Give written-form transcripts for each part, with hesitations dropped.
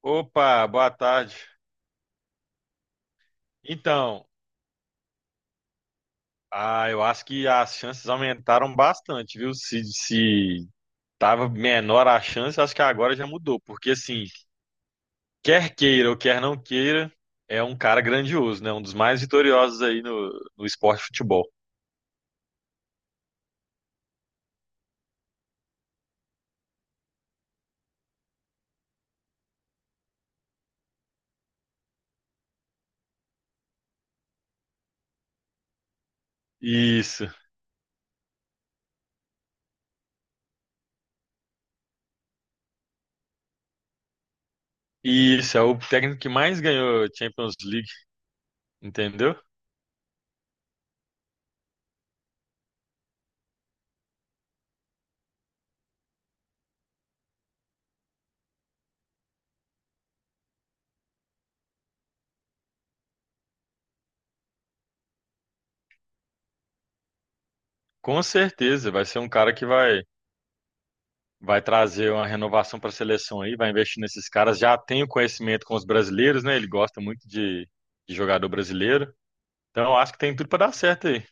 Opa, boa tarde. Então, eu acho que as chances aumentaram bastante, viu? Se tava menor a chance, acho que agora já mudou, porque assim, quer queira ou quer não queira, é um cara grandioso, né? Um dos mais vitoriosos aí no esporte de futebol. Isso, isso, é o técnico que mais ganhou Champions League, entendeu? Com certeza, vai ser um cara que vai trazer uma renovação para a seleção aí, vai investir nesses caras. Já tem o conhecimento com os brasileiros, né? Ele gosta muito de jogador brasileiro. Então, acho que tem tudo para dar certo aí.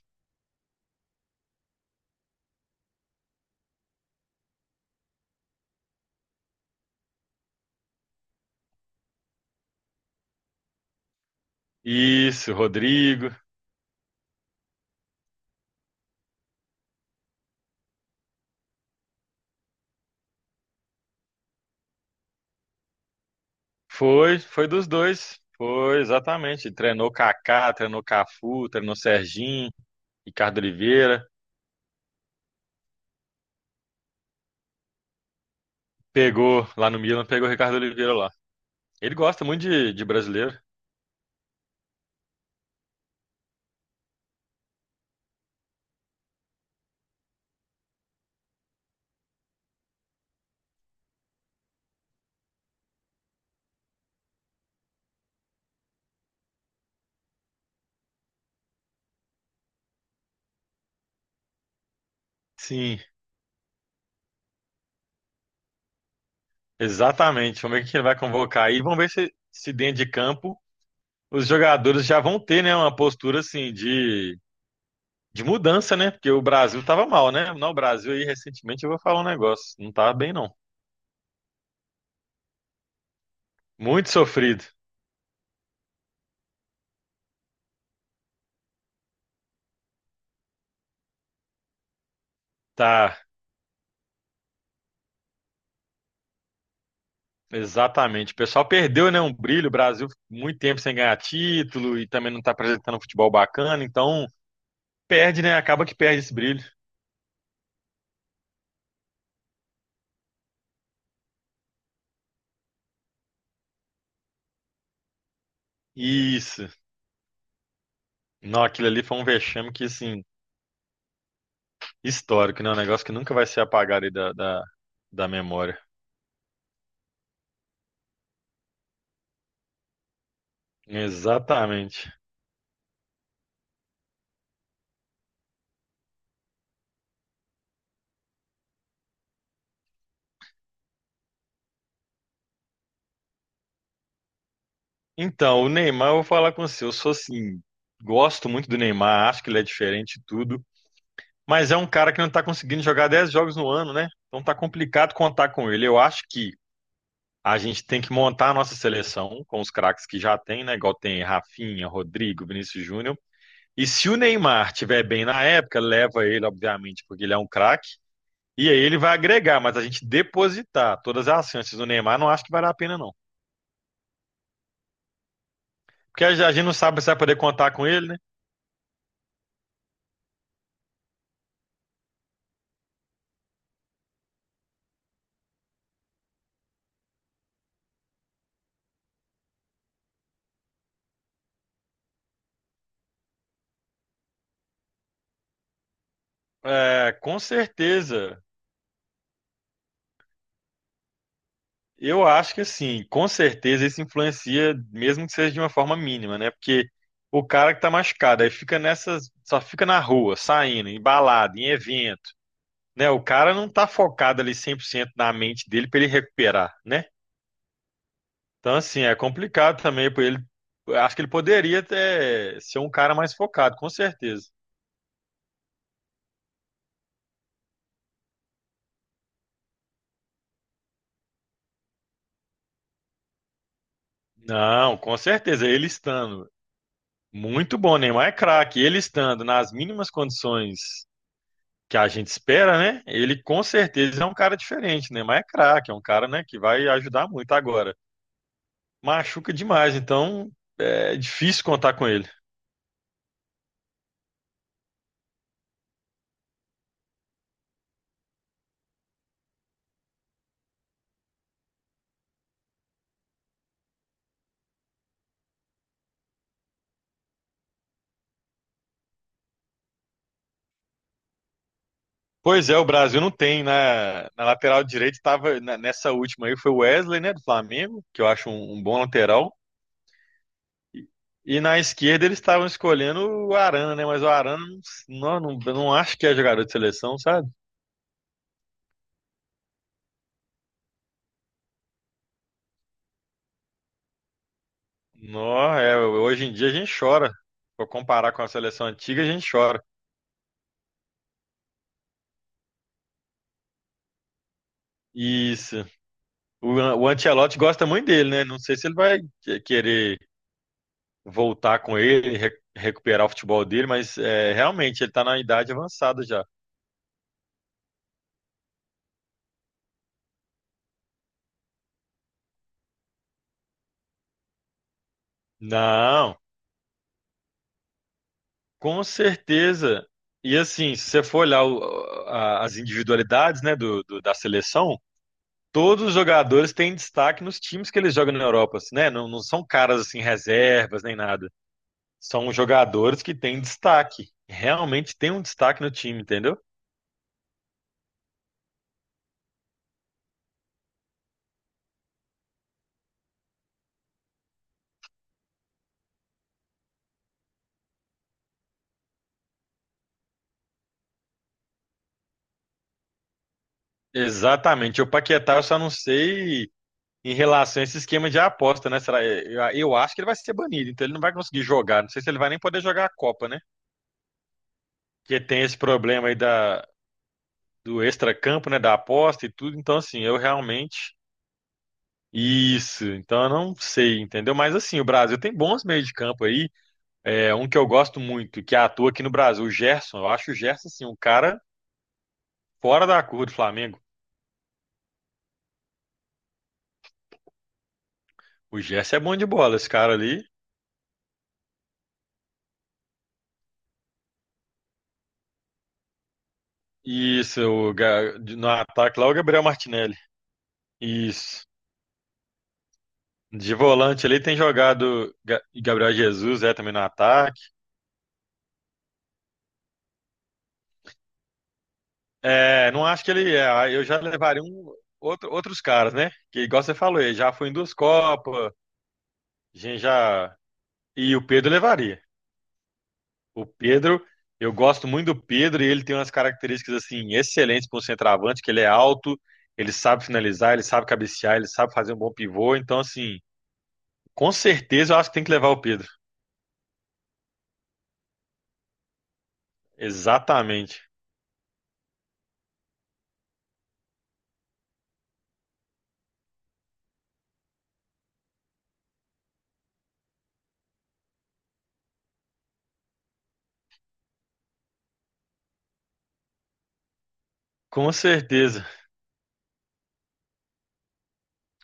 Isso, Rodrigo. Foi, foi dos dois. Foi, exatamente. Treinou Kaká, treinou Cafu, treinou Serginho, Ricardo Oliveira. Pegou lá no Milan, pegou o Ricardo Oliveira lá. Ele gosta muito de brasileiro. Sim, exatamente. Vamos ver quem ele vai convocar aí. Vamos ver se, se dentro de campo os jogadores já vão ter, né, uma postura assim de mudança, né? Porque o Brasil tava mal, né? Não, o Brasil aí recentemente eu vou falar um negócio, não tá bem não. Muito sofrido. Tá, exatamente. O pessoal perdeu, né, um brilho, o Brasil ficou muito tempo sem ganhar título e também não tá apresentando um futebol bacana, então perde, né? Acaba que perde esse brilho. Isso. Não, aquilo ali foi um vexame que, assim, histórico, né? Um negócio que nunca vai ser apagado aí da memória. Exatamente. Então, o Neymar, eu vou falar com você. Eu sou assim, gosto muito do Neymar, acho que ele é diferente e tudo, mas é um cara que não tá conseguindo jogar 10 jogos no ano, né? Então tá complicado contar com ele. Eu acho que a gente tem que montar a nossa seleção com os craques que já tem, né? Igual tem Rafinha, Rodrigo, Vinícius Júnior. E se o Neymar tiver bem na época, leva ele, obviamente, porque ele é um craque. E aí ele vai agregar, mas a gente depositar todas as chances do Neymar, não acho que vale a pena, não. Porque a gente não sabe se vai poder contar com ele, né? É, com certeza. Eu acho que assim, com certeza isso influencia, mesmo que seja de uma forma mínima, né? Porque o cara que tá machucado, aí fica nessas, só fica na rua, saindo, em balada, em evento, né? O cara não tá focado ali 100% na mente dele pra ele recuperar, né? Então assim, é complicado também pra ele. Eu acho que ele poderia até ser um cara mais focado, com certeza. Não, com certeza, ele estando muito bom, Neymar é craque, ele estando nas mínimas condições que a gente espera, né? Ele com certeza é um cara diferente, né? Mas é craque, é um cara, né, que vai ajudar muito agora. Machuca demais, então é difícil contar com ele. Pois é, o Brasil não tem na lateral direita, estava nessa última aí foi o Wesley, né, do Flamengo, que eu acho um bom lateral. E na esquerda eles estavam escolhendo o Arana, né? Mas o Arana não acho que é jogador de seleção, sabe? Não, é, hoje em dia a gente chora. Pra comparar com a seleção antiga, a gente chora. Isso. O Ancelotti gosta muito dele, né? Não sei se ele vai querer voltar com ele, recuperar o futebol dele, mas é, realmente ele tá na idade avançada já. Não, com certeza. E assim, se você for olhar as individualidades, né, da seleção, todos os jogadores têm destaque nos times que eles jogam na Europa, assim, né? Não, não são caras assim reservas nem nada. São jogadores que têm destaque. Realmente tem um destaque no time, entendeu? Exatamente. O Paquetá eu só não sei em relação a esse esquema de aposta, né? Será? Eu acho que ele vai ser banido, então ele não vai conseguir jogar. Não sei se ele vai nem poder jogar a Copa, né? Porque tem esse problema aí da, do extracampo, né? Da aposta e tudo. Então, assim, eu realmente. Isso, então eu não sei, entendeu? Mas assim, o Brasil tem bons meios de campo aí. É, um que eu gosto muito, que atua aqui no Brasil, o Gerson. Eu acho o Gerson, assim, um cara fora da curva do Flamengo. O Gerson é bom de bola, esse cara ali. Isso, no ataque lá, o Gabriel Martinelli. Isso. De volante ali tem jogado Gabriel Jesus, é também no ataque. É, não acho que ele é. Aí Eu já levaria um, outros caras, né? Que igual você falou, ele já foi em duas Copas, gente já. E o Pedro levaria. O Pedro, eu gosto muito do Pedro e ele tem umas características assim excelentes para um centroavante, que ele é alto, ele sabe finalizar, ele sabe cabecear, ele sabe fazer um bom pivô. Então, assim, com certeza eu acho que tem que levar o Pedro. Exatamente. Com certeza.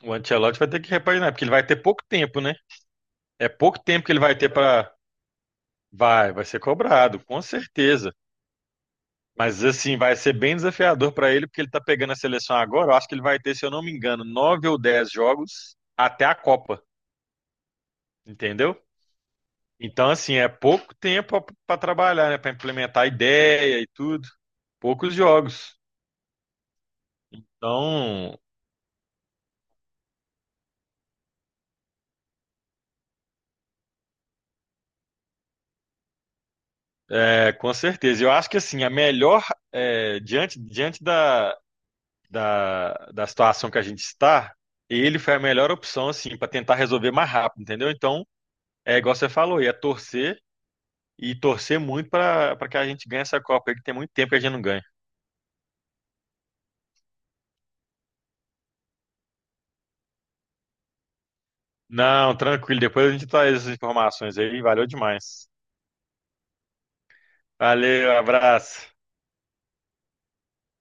O Ancelotti vai ter que repaginar, porque ele vai ter pouco tempo, né? É pouco tempo que ele vai ter para. Vai ser cobrado, com certeza. Mas assim, vai ser bem desafiador para ele, porque ele tá pegando a seleção agora. Eu acho que ele vai ter, se eu não me engano, 9 ou 10 jogos até a Copa, entendeu? Então, assim, é pouco tempo para trabalhar, né? Para implementar a ideia e tudo. Poucos jogos. Então, é, com certeza. Eu acho que assim, a melhor, é, diante, diante da situação que a gente está, ele foi a melhor opção, assim, para tentar resolver mais rápido, entendeu? Então, é igual você falou, ia torcer e torcer muito para que a gente ganhe essa Copa aí, que tem muito tempo que a gente não ganha. Não, tranquilo, depois a gente traz essas informações aí, valeu demais. Valeu, abraço.